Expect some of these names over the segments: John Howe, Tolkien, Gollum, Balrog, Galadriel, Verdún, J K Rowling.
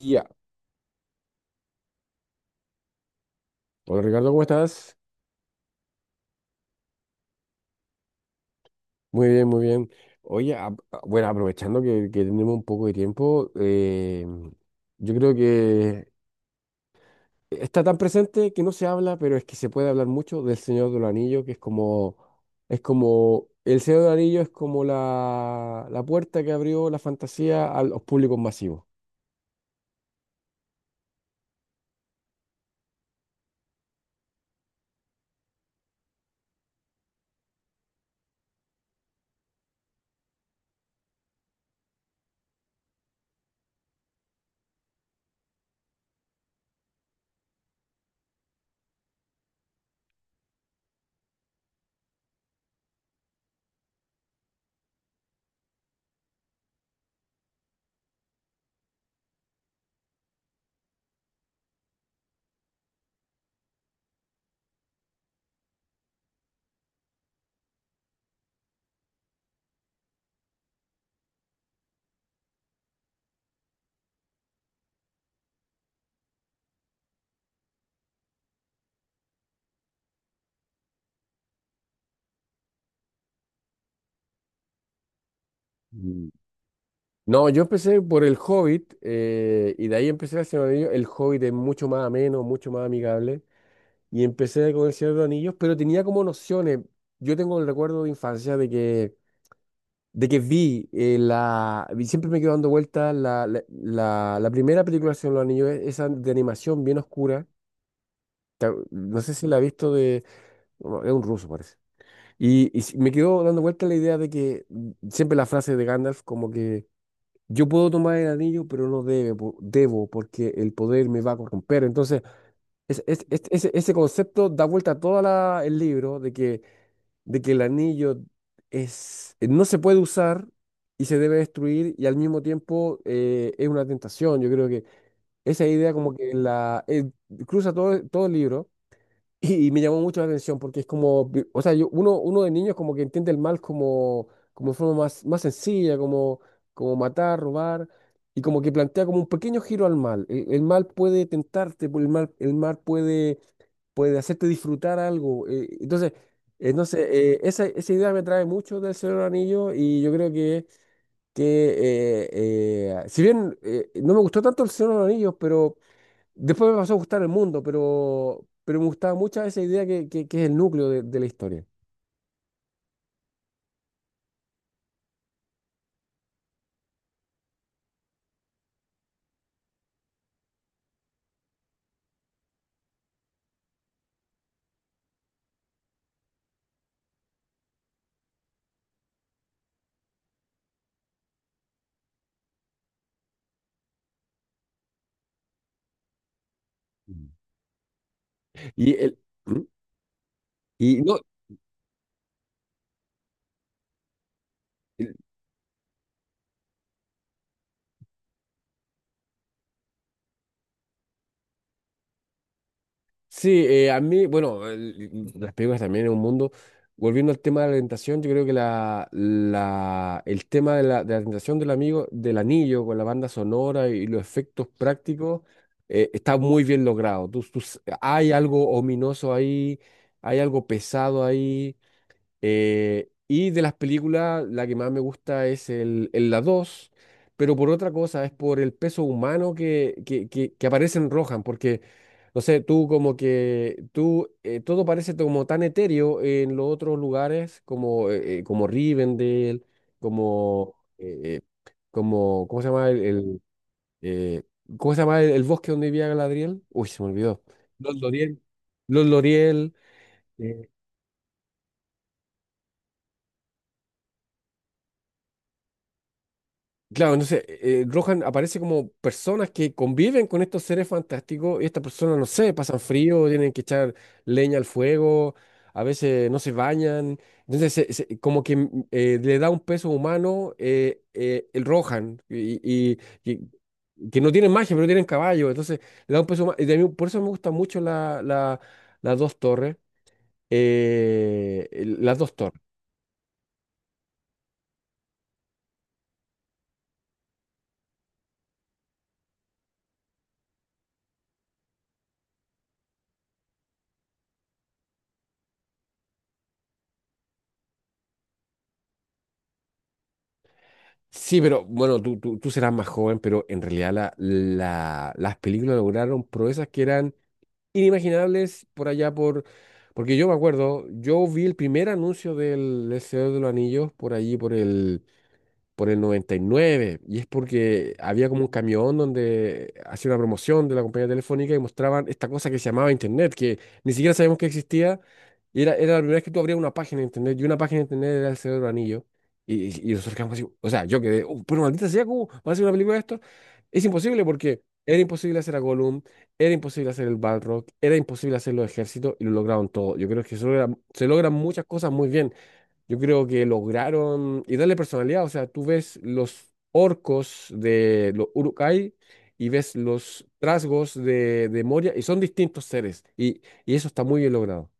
Ya. Hola Ricardo, ¿cómo estás? Muy bien, muy bien. Oye, bueno, aprovechando que tenemos un poco de tiempo, yo creo que está tan presente que no se habla, pero es que se puede hablar mucho del Señor de los Anillos, que es como, el Señor de los Anillos es como la puerta que abrió la fantasía a los públicos masivos. Mm. No, yo empecé por El Hobbit, y de ahí empecé a hacer El Señor de los Anillos. El Hobbit es mucho más ameno, mucho más amigable. Y empecé con El Señor de los Anillos, pero tenía como nociones. Yo tengo el recuerdo de infancia de que siempre me quedo dando vueltas la primera película del Señor de los Anillos, esa de animación bien oscura. No sé si la he visto de. No, es un ruso, parece. Y me quedo dando vuelta la idea de que, siempre la frase de Gandalf, como que yo puedo tomar el anillo, pero no debe, debo, porque el poder me va a corromper. Entonces. Ese concepto da vuelta a todo el libro, de que el anillo es, no se puede usar y se debe destruir, y al mismo tiempo, es una tentación. Yo creo que esa idea como que la cruza todo el libro y me llamó mucho la atención porque es como, o sea, yo, uno, de niños como que entiende el mal como, como, de forma más sencilla, como matar, robar. Y como que plantea como un pequeño giro al mal. El mal puede tentarte, el mal puede hacerte disfrutar algo. Entonces, no sé, esa idea me trae mucho del Señor del Anillo, y yo creo que eh, si bien, no me gustó tanto el Señor de los Anillos, pero después me pasó a gustar el mundo, pero, me gustaba mucho esa idea que es el núcleo de la historia. Mm. Y, el, ¿Mm? Y no. Sí, a mí, bueno, las películas también es un mundo. Volviendo al tema de la tentación, yo creo que el tema de la tentación del amigo, del anillo, con la banda sonora y los efectos prácticos, está muy bien logrado. Hay algo ominoso ahí, hay algo pesado ahí. Y de las películas, la que más me gusta es el La dos, pero por otra cosa, es por el peso humano que aparece en Rohan. Porque no sé, tú como que, tú, todo parece como tan etéreo en los otros lugares, como, como Rivendell, ¿cómo se llama el, el, eh, ¿cómo se llama el bosque donde vivía Galadriel? Uy, se me olvidó. Los Loriel. Los Loriel. eh, Claro, entonces, Rohan aparece como personas que conviven con estos seres fantásticos, y estas personas, no sé, pasan frío, tienen que echar leña al fuego, a veces no se bañan. Entonces, como que, le da un peso humano, el Rohan, y que no tienen magia, pero tienen caballo. Entonces, le da un peso humano. Y por eso me gustan mucho las dos torres. eh, el- las dos torres. Sí, pero bueno, tú serás más joven, pero en realidad las películas lograron proezas que eran inimaginables por allá por... Porque yo me acuerdo, yo vi el primer anuncio del El Señor de los Anillos por allí, por el 99, y es porque había como un camión donde hacía una promoción de la compañía telefónica y mostraban esta cosa que se llamaba Internet, que ni siquiera sabíamos que existía, y era la primera vez que tú abrías una página de Internet, y una página de Internet era el Señor de los Anillos, y, y nosotros quedamos así, o sea, yo quedé: "Oh, pero maldita sea, ¿cómo va a ser una película de esto? Es imposible, porque era imposible hacer a Gollum, era imposible hacer el Balrog, era imposible hacer los ejércitos, y lo lograron todo". Yo creo que se logran muchas cosas muy bien. Yo creo que lograron y darle personalidad. O sea, tú ves los orcos de los uruk y ves los trasgos de Moria, y son distintos seres. Y eso está muy bien logrado.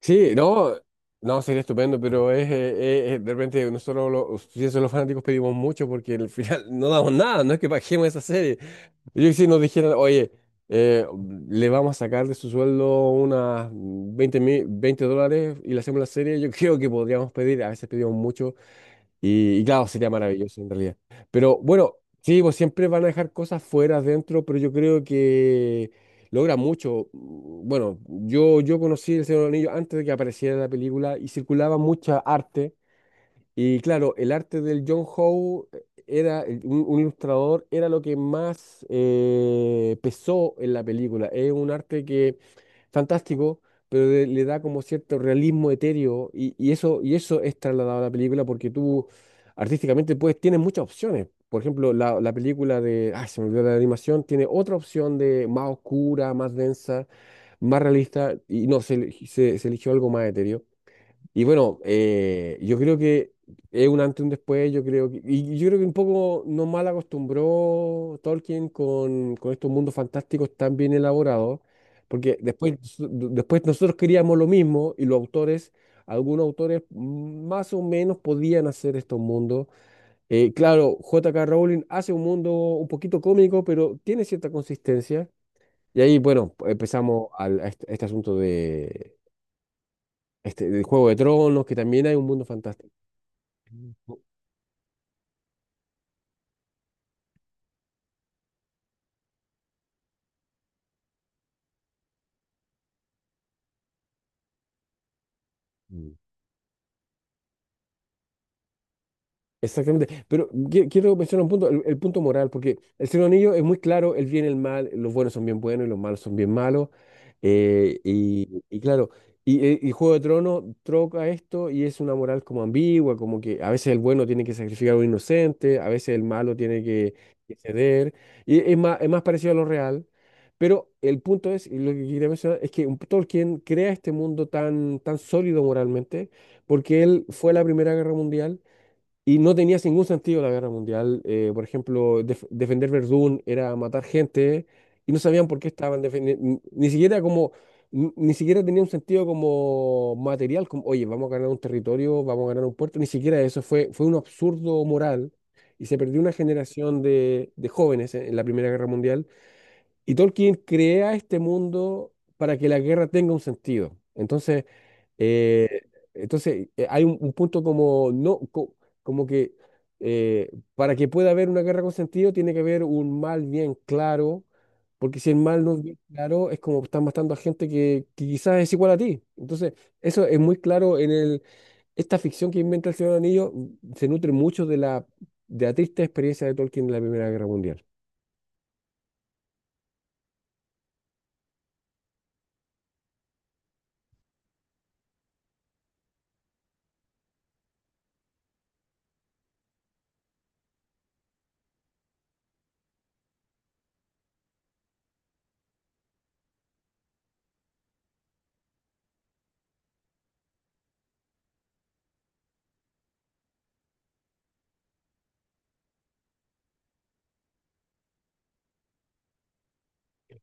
Sí, no, no, sería estupendo, pero es, de repente nosotros los, si eso, los fanáticos pedimos mucho, porque al final no damos nada, no es que bajemos esa serie. Yo, que si nos dijeran: oye, eh, le vamos a sacar de su sueldo unas $20 y le hacemos la serie, yo creo que podríamos pedir, a veces pedimos mucho, y claro, sería maravilloso en realidad. Pero bueno, sí, pues siempre van a dejar cosas fuera, dentro, pero yo creo que logra mucho. Bueno, yo conocí El Señor de los Anillos antes de que apareciera la película, y circulaba mucha arte, y claro, el arte del John Howe, era, un ilustrador, era lo que más pesó en la película. Es un arte que, fantástico, pero le da como cierto realismo etéreo, y eso, y eso, es trasladado a la película, porque tú artísticamente pues tienes muchas opciones. Por ejemplo, la película de, ay, se me olvidó la animación, tiene otra opción de más oscura, más densa, más realista, y no, se eligió algo más etéreo. Y bueno, yo creo que es un antes y un después, y yo creo que un poco nos mal acostumbró Tolkien con estos mundos fantásticos tan bien elaborados, porque después, después nosotros queríamos lo mismo, y los autores, algunos autores más o menos podían hacer estos mundos. Claro, J K Rowling hace un mundo un poquito cómico, pero tiene cierta consistencia. Y ahí, bueno, empezamos a este asunto del Juego de Tronos, que también hay un mundo fantástico. Mm. Exactamente, pero quiero mencionar un punto, el punto moral, porque el Señor Anillo es muy claro, el bien y el mal, los buenos son bien buenos y los malos son bien malos, y claro, y Juego de Tronos troca esto y es una moral como ambigua, como que a veces el bueno tiene que sacrificar a un inocente, a veces el malo tiene que ceder, y es más parecido a lo real. Pero el punto es, y lo que quería mencionar, es que Tolkien crea este mundo tan, tan sólido moralmente, porque él fue a la Primera Guerra Mundial. Y no tenía ningún sentido la guerra mundial. Por ejemplo, defender Verdún era matar gente, y no sabían por qué estaban defendiendo. Ni siquiera como, ni siquiera tenía un sentido como material, como, oye, vamos a ganar un territorio, vamos a ganar un puerto. Ni siquiera eso fue, un absurdo moral. Y se perdió una generación de jóvenes, en la Primera Guerra Mundial. Y Tolkien crea este mundo para que la guerra tenga un sentido. Eh, entonces, hay un punto como, no, como que, para que pueda haber una guerra con sentido, tiene que haber un mal bien claro, porque si el mal no es bien claro, es como estás matando a gente que quizás es igual a ti. Entonces, eso es muy claro en esta ficción que inventa el Señor Anillo, se nutre mucho de la triste experiencia de Tolkien en la Primera Guerra Mundial.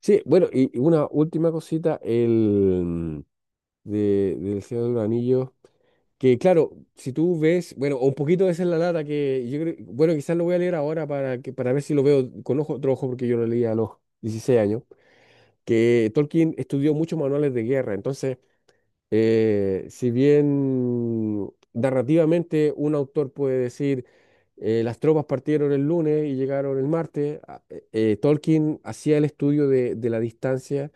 Sí, bueno, y una última cosita, del Señor de los Anillos, que claro, si tú ves, bueno, un poquito esa es la lata que yo creo, bueno, quizás lo voy a leer ahora para que, para ver si lo veo con ojo, otro ojo, porque yo lo leí a los 16 años, que Tolkien estudió muchos manuales de guerra. Entonces, si bien narrativamente un autor puede decir, las tropas partieron el lunes y llegaron el martes, Tolkien hacía el estudio de la distancia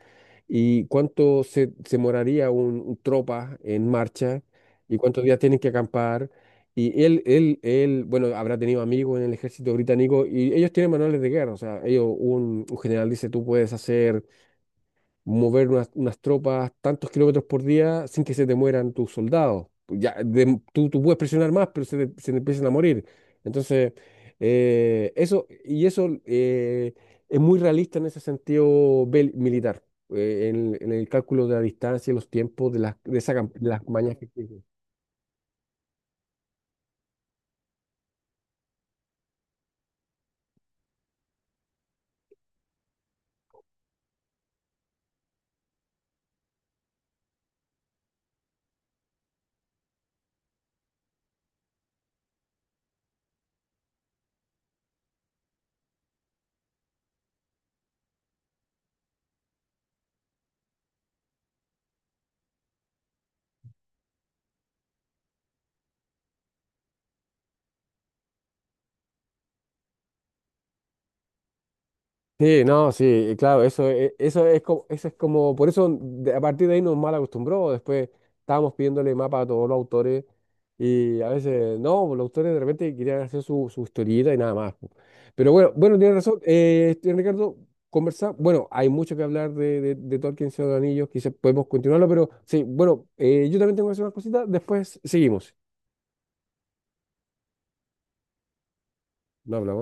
y cuánto se moraría un tropa en marcha, y cuántos días tienen que acampar. Y él, bueno, habrá tenido amigos en el ejército británico, y ellos tienen manuales de guerra, o sea, ellos, un general dice, tú puedes hacer mover unas tropas tantos kilómetros por día sin que se te mueran tus soldados. Ya, tú puedes presionar más, pero se te empiezan a morir. Entonces, y eso, es muy realista en ese sentido, militar, en el cálculo de la distancia y los tiempos de, las, de, esa cam- de las mañas que. Sí, no, sí, claro, eso es como, por eso, a partir de ahí nos mal acostumbró. Después estábamos pidiéndole mapa a todos los autores, y a veces no, pues, los autores de repente querían hacer su historieta y nada más. Po. Pero bueno, bueno, tienes razón, Ricardo, conversar, bueno, hay mucho que hablar de Tolkien, Señor de los Anillos, quizás podemos continuarlo, pero sí, bueno, yo también tengo que hacer unas cositas, después seguimos. No hablamos.